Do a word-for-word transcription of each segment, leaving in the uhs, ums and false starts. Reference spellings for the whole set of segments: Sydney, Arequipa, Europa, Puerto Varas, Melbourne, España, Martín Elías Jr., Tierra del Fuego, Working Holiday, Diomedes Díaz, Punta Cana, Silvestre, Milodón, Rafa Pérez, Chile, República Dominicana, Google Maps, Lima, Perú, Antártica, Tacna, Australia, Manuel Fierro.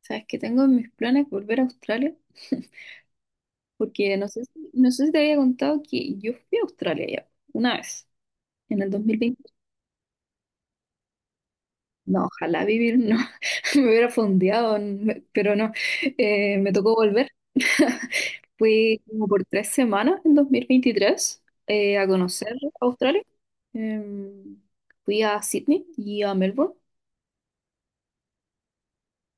Sabes que tengo en mis planes volver a Australia, porque no sé si, no sé si te había contado que yo fui a Australia ya una vez, en el dos mil veinte. No, ojalá vivir, no, me hubiera fondeado, n- pero no, eh, me tocó volver. Fui como por tres semanas en dos mil veintitrés, eh, a conocer Australia. Em, Fui a Sydney y a Melbourne.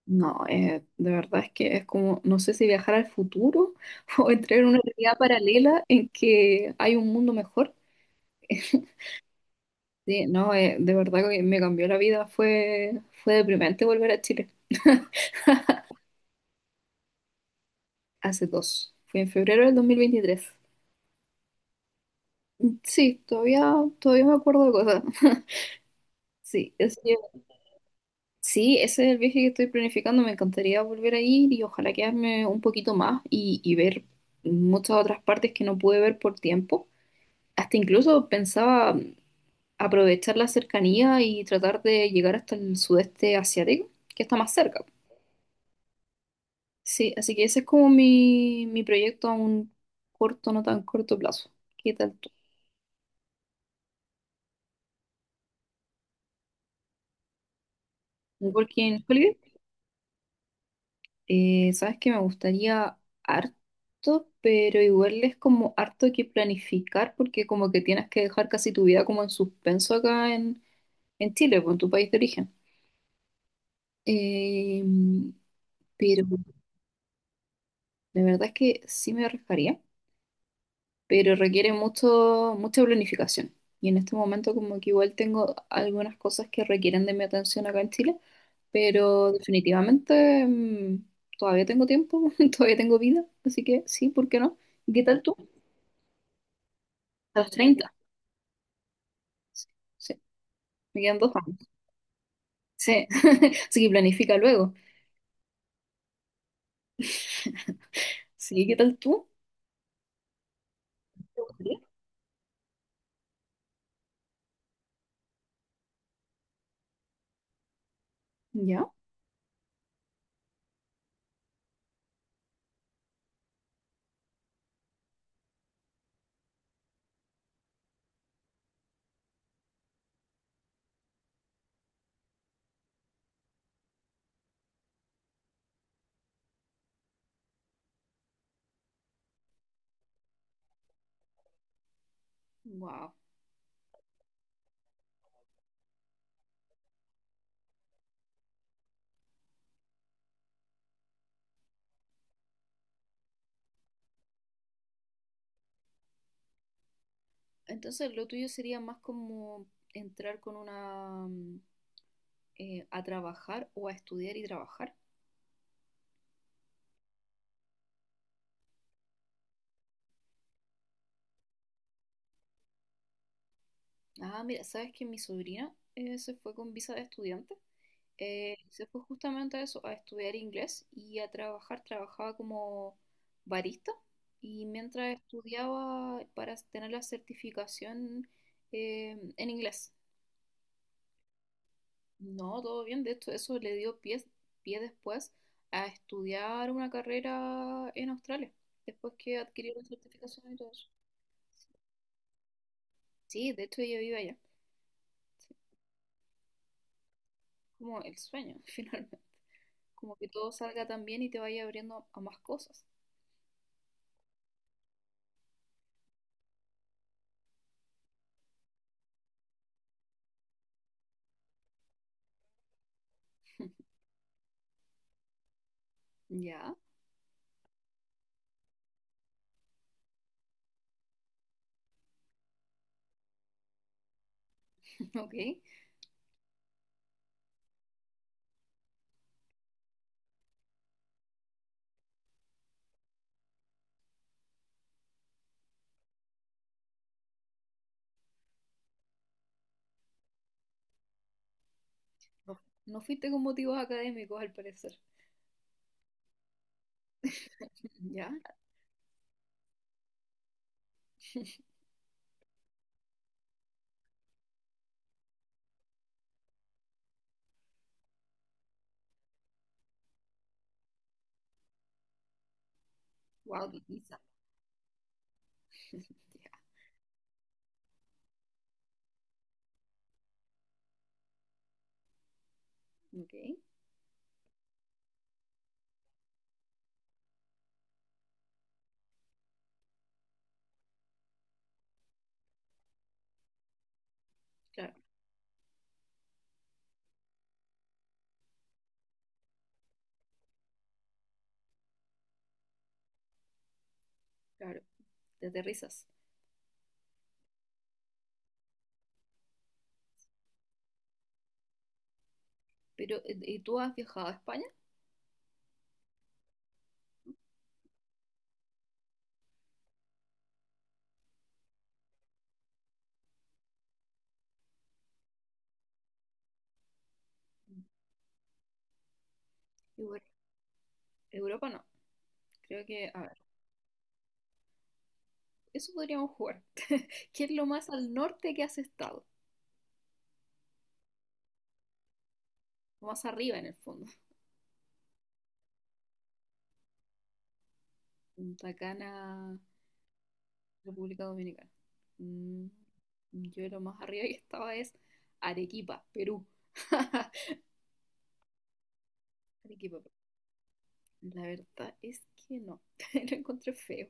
No, eh, de verdad es que es como, no sé si viajar al futuro o entrar en una realidad paralela en que hay un mundo mejor. Sí, no, eh, de verdad que me cambió la vida. Fue, fue deprimente volver a Chile. Hace dos. Fue en febrero del dos mil veintitrés. Sí, todavía, todavía me acuerdo de cosas. Sí, ese, sí, ese es el viaje que estoy planificando. Me encantaría volver a ir y ojalá quedarme un poquito más y, y ver muchas otras partes que no pude ver por tiempo. Hasta incluso pensaba aprovechar la cercanía y tratar de llegar hasta el sudeste asiático, que está más cerca. Sí, así que ese es como mi, mi proyecto a un corto, no tan corto plazo. ¿Qué tal tú? Un Working Holiday, eh, sabes que me gustaría harto, pero igual es como harto que planificar porque como que tienes que dejar casi tu vida como en suspenso acá en, en Chile, pues, en tu país de origen. Eh, pero de verdad es que sí me arriesgaría. Pero requiere mucho, mucha planificación. Y en este momento como que igual tengo algunas cosas que requieren de mi atención acá en Chile, pero definitivamente mm, todavía tengo tiempo, todavía tengo vida, así que sí, ¿por qué no? ¿Y qué tal tú? A los treinta. Sí, sí, me quedan dos años. Sí, así que planifica luego. Sí, ¿qué tal tú? ¿Te gustaría? ¿Ya? Wow. Entonces lo tuyo sería más como entrar con una... mm, eh, a trabajar o a estudiar y trabajar. Ah, mira, sabes que mi sobrina eh, se fue con visa de estudiante. Eh, se fue justamente a eso, a estudiar inglés y a trabajar. Trabajaba como barista y mientras estudiaba para tener la certificación eh, en inglés. No, todo bien. De hecho, eso le dio pie, pie después a estudiar una carrera en Australia, después que adquirió la certificación y todo eso. Sí, de hecho ella vive allá. Sí, como el sueño, finalmente. Como que todo salga tan bien y te vaya abriendo a más cosas. Ya, ok. No, no fuiste con motivos académicos al parecer. Ya, wow, qué pizza. Ya, ok, claro, claro. Te aterrizas. Pero, eh, ¿y tú has viajado a España? Euro- Europa no. Creo que, a ver, eso podríamos jugar. ¿Qué es lo más al norte que has estado? Lo más arriba en el fondo. Punta Cana, República Dominicana. Mm, yo lo más arriba que estaba es Arequipa, Perú. Arequipa, la verdad es que no, lo encontré feo.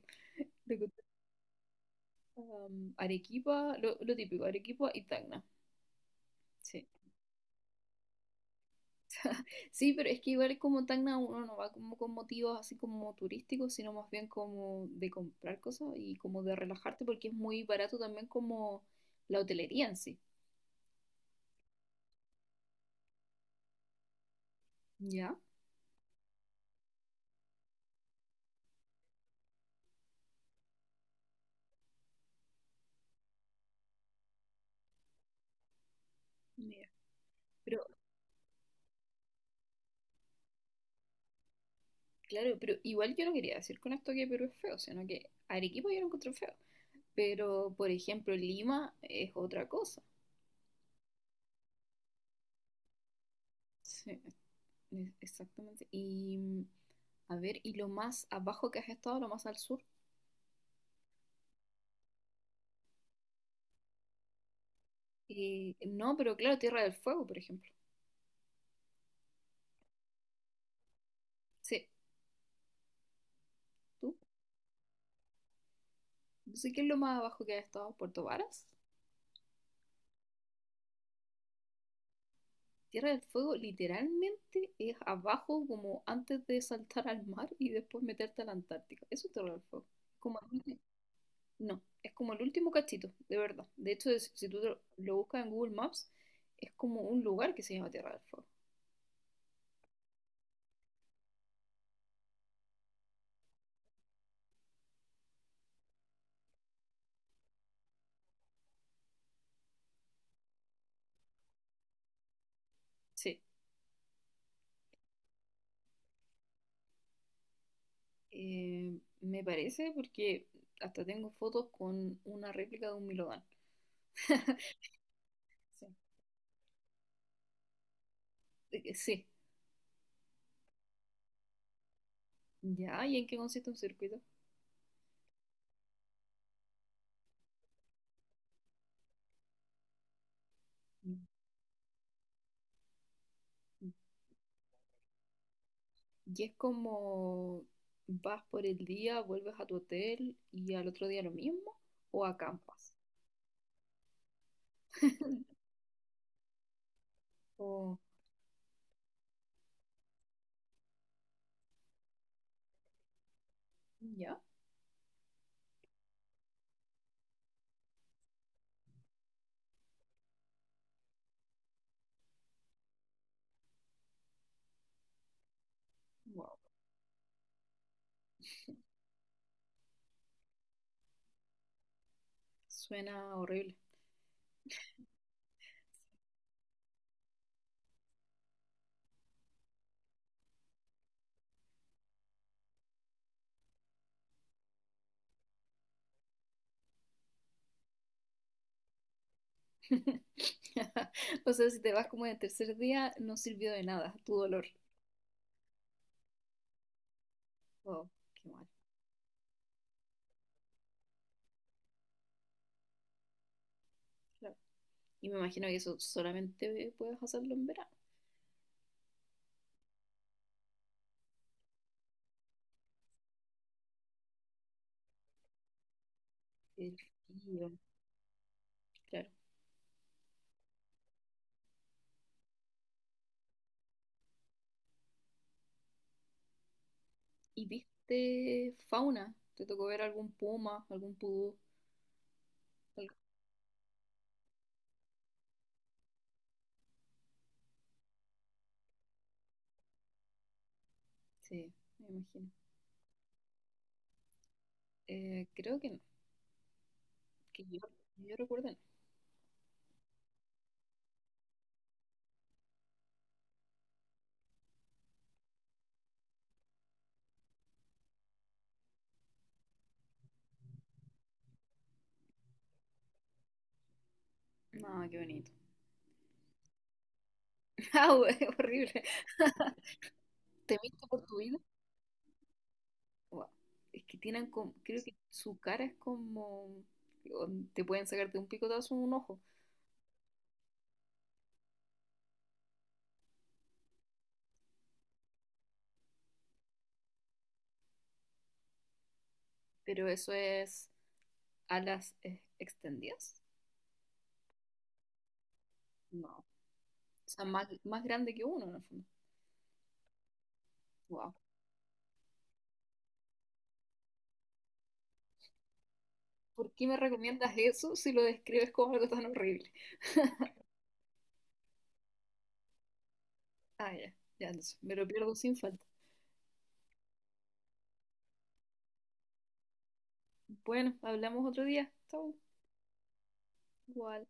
Lo encontré, um, Arequipa, lo, lo típico, Arequipa y Tacna. Sí. Sí, pero es que igual como Tacna uno no va como con motivos así como turísticos, sino más bien como de comprar cosas y como de relajarte porque es muy barato también como la hotelería en sí. ¿Ya? Mira. Pero claro, pero igual yo no quería decir con esto que Perú es feo, sino que Arequipa yo lo encontré feo. Pero, por ejemplo, Lima es otra cosa. Sí. Es- Exactamente. Y mm, a ver, ¿y lo más abajo que has estado, lo más al sur? Eh, no, pero claro, Tierra del Fuego, por ejemplo. Sí, tú. No sé qué es lo más abajo que has estado, Puerto Varas. Tierra del Fuego literalmente es abajo como antes de saltar al mar y después meterte a la Antártica. Eso es Tierra del Fuego. Como el ulti- no, es como el último cachito, de verdad. De hecho, es- si tú lo lo buscas en Google Maps, es como un lugar que se llama Tierra del Fuego. Sí. Eh, me parece porque hasta tengo fotos con una réplica de un Milodón. Sí. Eh, Sí, ya, ¿y en qué consiste un circuito? Mm. Y es como vas por el día, vuelves a tu hotel y al otro día lo mismo, o acampas. O ya, wow, suena horrible. O sea, si te vas como en el tercer día, no sirvió de nada, tu dolor. Wow, qué mal. Claro. Y me imagino que eso solamente puedes hacerlo en verano. El perfil, claro. ¿Y viste fauna? ¿Te tocó ver algún puma, algún pudú? ¿Algo? Sí, me imagino. Eh, creo que no, que yo, yo recuerdo no. No, qué bonito. Ah, hue- horrible. ¿Te viste por tu vida? Wow. Es que tienen como, creo que su cara es como, o te pueden sacar de un picotazo un ojo, pero eso es alas eh, extendidas. No, o sea, más, más grande que uno en el fondo. ¿Por qué me recomiendas eso si lo describes como algo tan horrible? Ah, ya, ya, entonces me lo pierdo sin falta. Bueno, hablamos otro día. Chau. Igual.